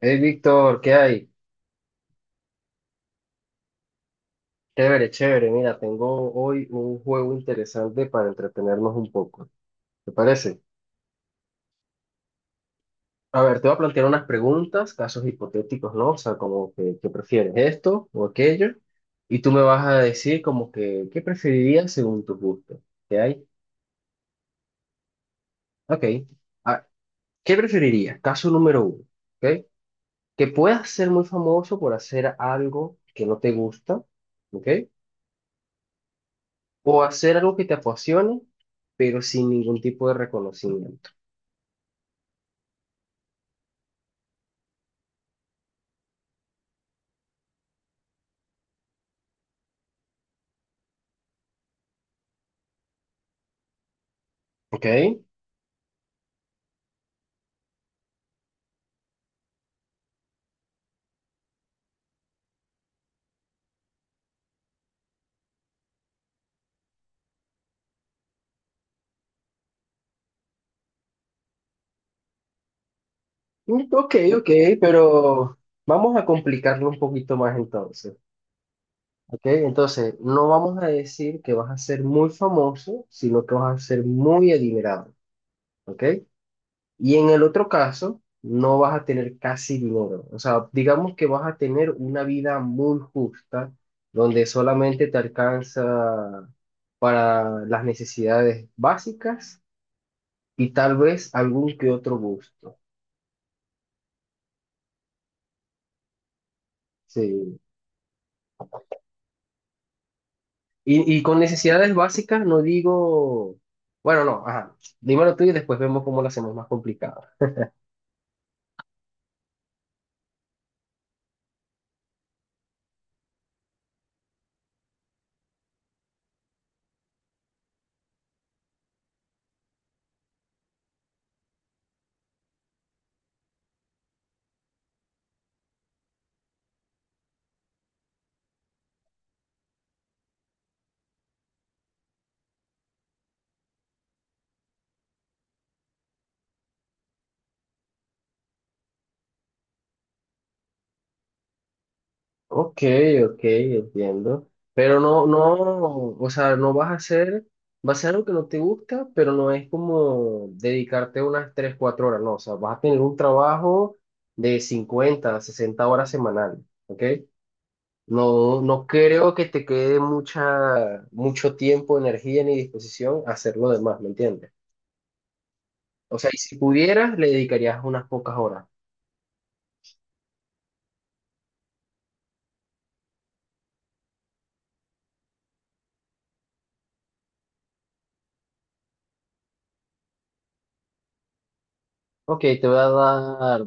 Hey Víctor, ¿qué hay? Chévere, chévere. Mira, tengo hoy un juego interesante para entretenernos un poco. ¿Te parece? A ver, te voy a plantear unas preguntas, casos hipotéticos, ¿no? O sea, como que, ¿qué prefieres esto o aquello? Y tú me vas a decir como que, ¿qué preferirías según tu gusto? ¿Qué hay? Ok. Ah, ¿Qué preferirías? Caso número uno, ¿ok? Que puedas ser muy famoso por hacer algo que no te gusta, ¿ok? O hacer algo que te apasione, pero sin ningún tipo de reconocimiento. ¿Ok? Mm, ok, ok, pero vamos a complicarlo un poquito más entonces. ¿Ok? Entonces, no vamos a decir que vas a ser muy famoso, sino que vas a ser muy adinerado. ¿Ok? Y en el otro caso, no vas a tener casi dinero. O sea, digamos que vas a tener una vida muy justa, donde solamente te alcanza para las necesidades básicas y tal vez algún que otro gusto. Sí. Y con necesidades básicas no digo, bueno, no, ajá, dímelo tú y después vemos cómo lo hacemos más complicado. Ok, ok, entiendo. Pero no, no, o sea, no vas a hacer, va a ser algo que no te gusta, pero no es como dedicarte unas 3 4 horas, no, o sea, vas a tener un trabajo de 50 60 horas semanal, ¿ok? No, no creo que te quede mucha, mucho tiempo, energía ni disposición a hacer lo demás, ¿me entiendes? O sea, y si pudieras, le dedicarías unas pocas horas. Ok, te voy a dar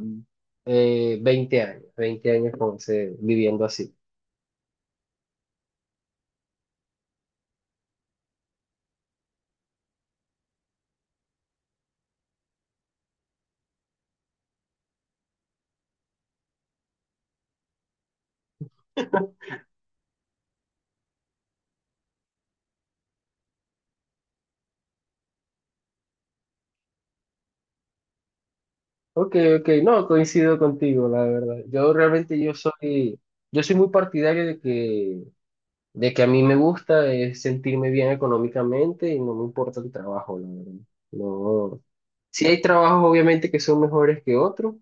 20 años, 20 años con viviendo así. Ok, ok, no, coincido contigo, la verdad. Yo realmente yo soy, muy partidario de que a mí me gusta es sentirme bien económicamente y no me importa el trabajo, la verdad. No. Sí hay trabajos obviamente que son mejores que otros,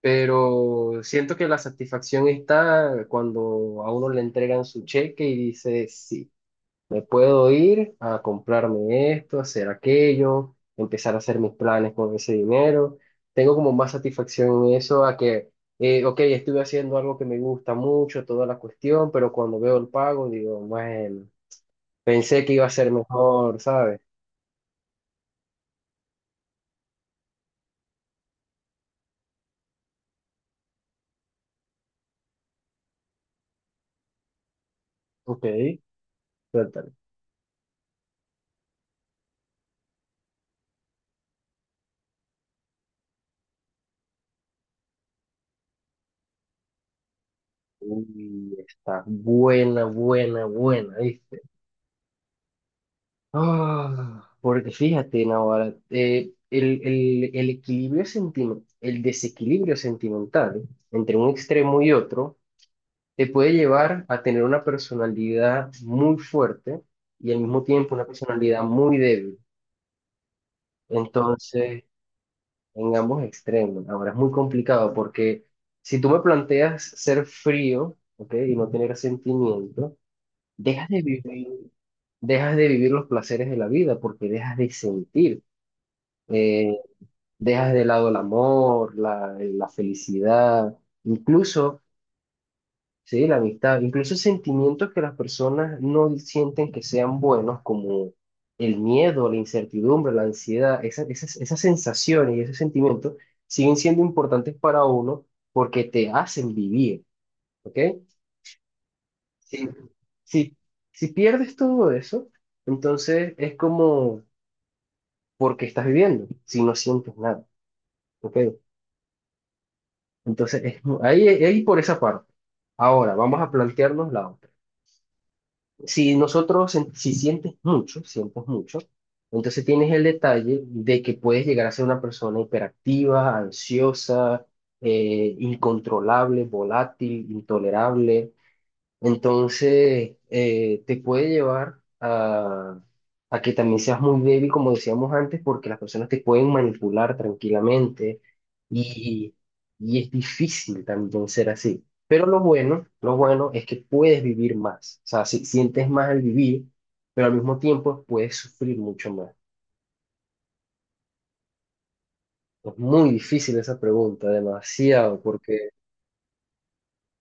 pero siento que la satisfacción está cuando a uno le entregan su cheque y dice, sí, me puedo ir a comprarme esto, hacer aquello, empezar a hacer mis planes con ese dinero. Tengo como más satisfacción en eso a que, ok, estuve haciendo algo que me gusta mucho, toda la cuestión, pero cuando veo el pago digo, bueno, pensé que iba a ser mejor, ¿sabes? Ok. Uy, está buena, buena, buena, ¿viste? Ah, porque fíjate, Navarra, el equilibrio sentimental, el desequilibrio sentimental entre un extremo y otro te puede llevar a tener una personalidad muy fuerte y al mismo tiempo una personalidad muy débil. Entonces, en ambos extremos, ahora es muy complicado porque si tú me planteas ser frío, ¿ok? Y no tener sentimiento, dejas de vivir. Dejas de vivir los placeres de la vida porque dejas de sentir, eh, dejas de lado el amor, la felicidad, incluso, sí, la amistad, incluso sentimientos que las personas no sienten que sean buenos, como el miedo, la incertidumbre, la ansiedad, esas sensaciones y esos sentimientos siguen siendo importantes para uno porque te hacen vivir, ¿ok? Si, si, si pierdes todo eso, entonces es como porque estás viviendo si no sientes nada, ¿ok? Entonces, ahí, ahí por esa parte. Ahora, vamos a plantearnos la otra. Si nosotros, si sientes mucho, sientes mucho, entonces tienes el detalle de que puedes llegar a ser una persona hiperactiva, ansiosa, incontrolable, volátil, intolerable. Entonces, te puede llevar a que también seas muy débil, como decíamos antes, porque las personas te pueden manipular tranquilamente y, y es difícil también ser así. Pero lo bueno es que puedes vivir más. O sea, si, sientes más al vivir, pero al mismo tiempo puedes sufrir mucho más. Es muy difícil esa pregunta, demasiado, porque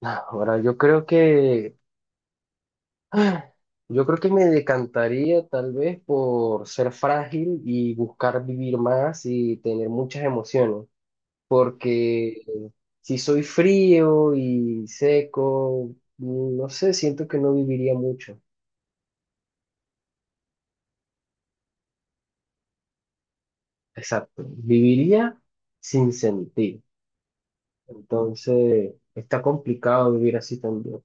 ah, ahora yo creo que Ah, yo creo que me decantaría tal vez por ser frágil y buscar vivir más y tener muchas emociones, porque si soy frío y seco, no sé, siento que no viviría mucho. Exacto, viviría sin sentir. Entonces, está complicado vivir así también.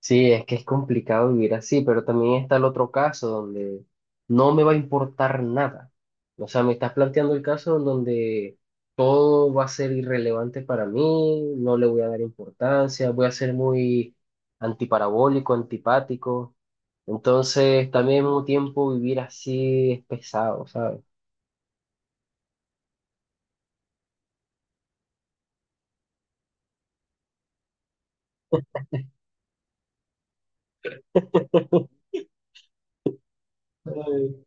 Sí, es que es complicado vivir así, pero también está el otro caso donde no me va a importar nada. O sea, me estás planteando el caso en donde todo va a ser irrelevante para mí, no le voy a dar importancia, voy a ser muy antiparabólico, antipático. Entonces, también al mismo tiempo vivir así es pesado, ¿sabes? Ay.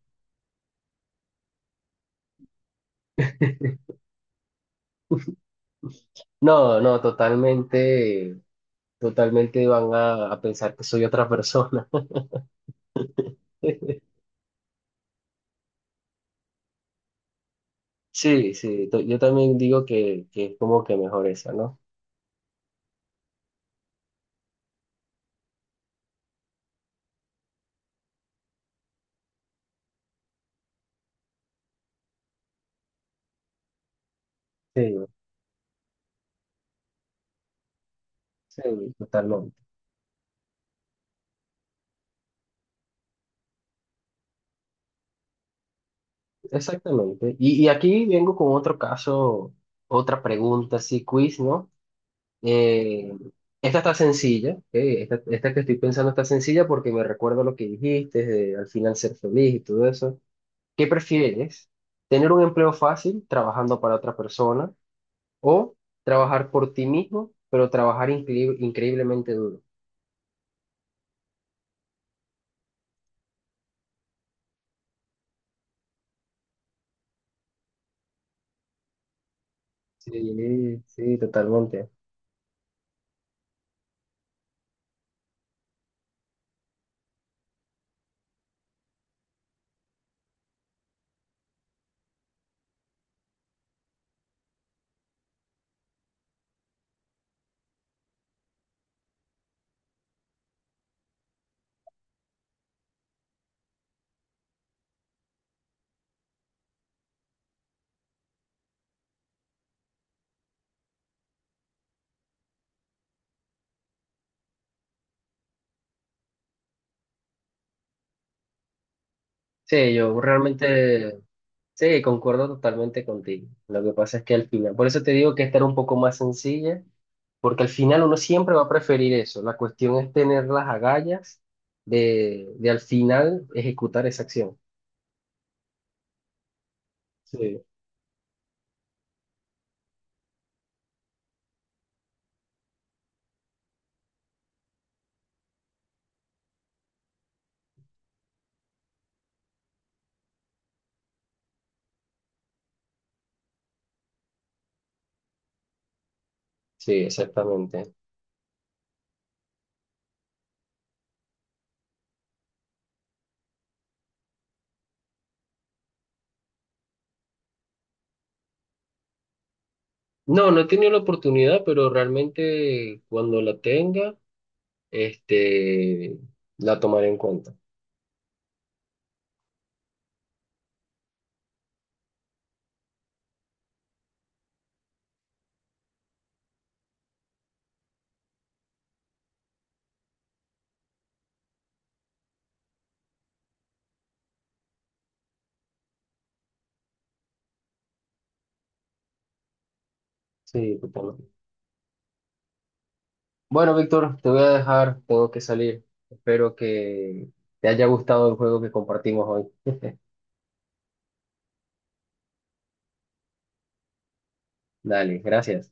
No, no, totalmente, totalmente van a pensar que soy otra persona. Sí, sí, yo también digo que es como que mejor esa, ¿no? Sí, sí, totalmente. Exactamente. Y aquí vengo con otro caso, otra pregunta, sí, quiz, ¿no? Eh, esta está sencilla, ¿ok? Esta que estoy pensando está sencilla porque me recuerdo lo que dijiste, de al final ser feliz y todo eso. ¿Qué prefieres? ¿Tener un empleo fácil trabajando para otra persona o trabajar por ti mismo, pero trabajar increíblemente duro? Sí, sí, totalmente. Sí, yo realmente, sí, concuerdo totalmente contigo. Lo que pasa es que al final, por eso te digo que esta era un poco más sencilla, porque al final uno siempre va a preferir eso. La cuestión es tener las agallas de al final ejecutar esa acción. Sí, sí, exactamente. No, no he tenido la oportunidad, pero realmente cuando la tenga, este, la tomaré en cuenta. Sí, totalmente. Bueno, Víctor, te voy a dejar, tengo que salir. Espero que te haya gustado el juego que compartimos hoy. Dale, gracias.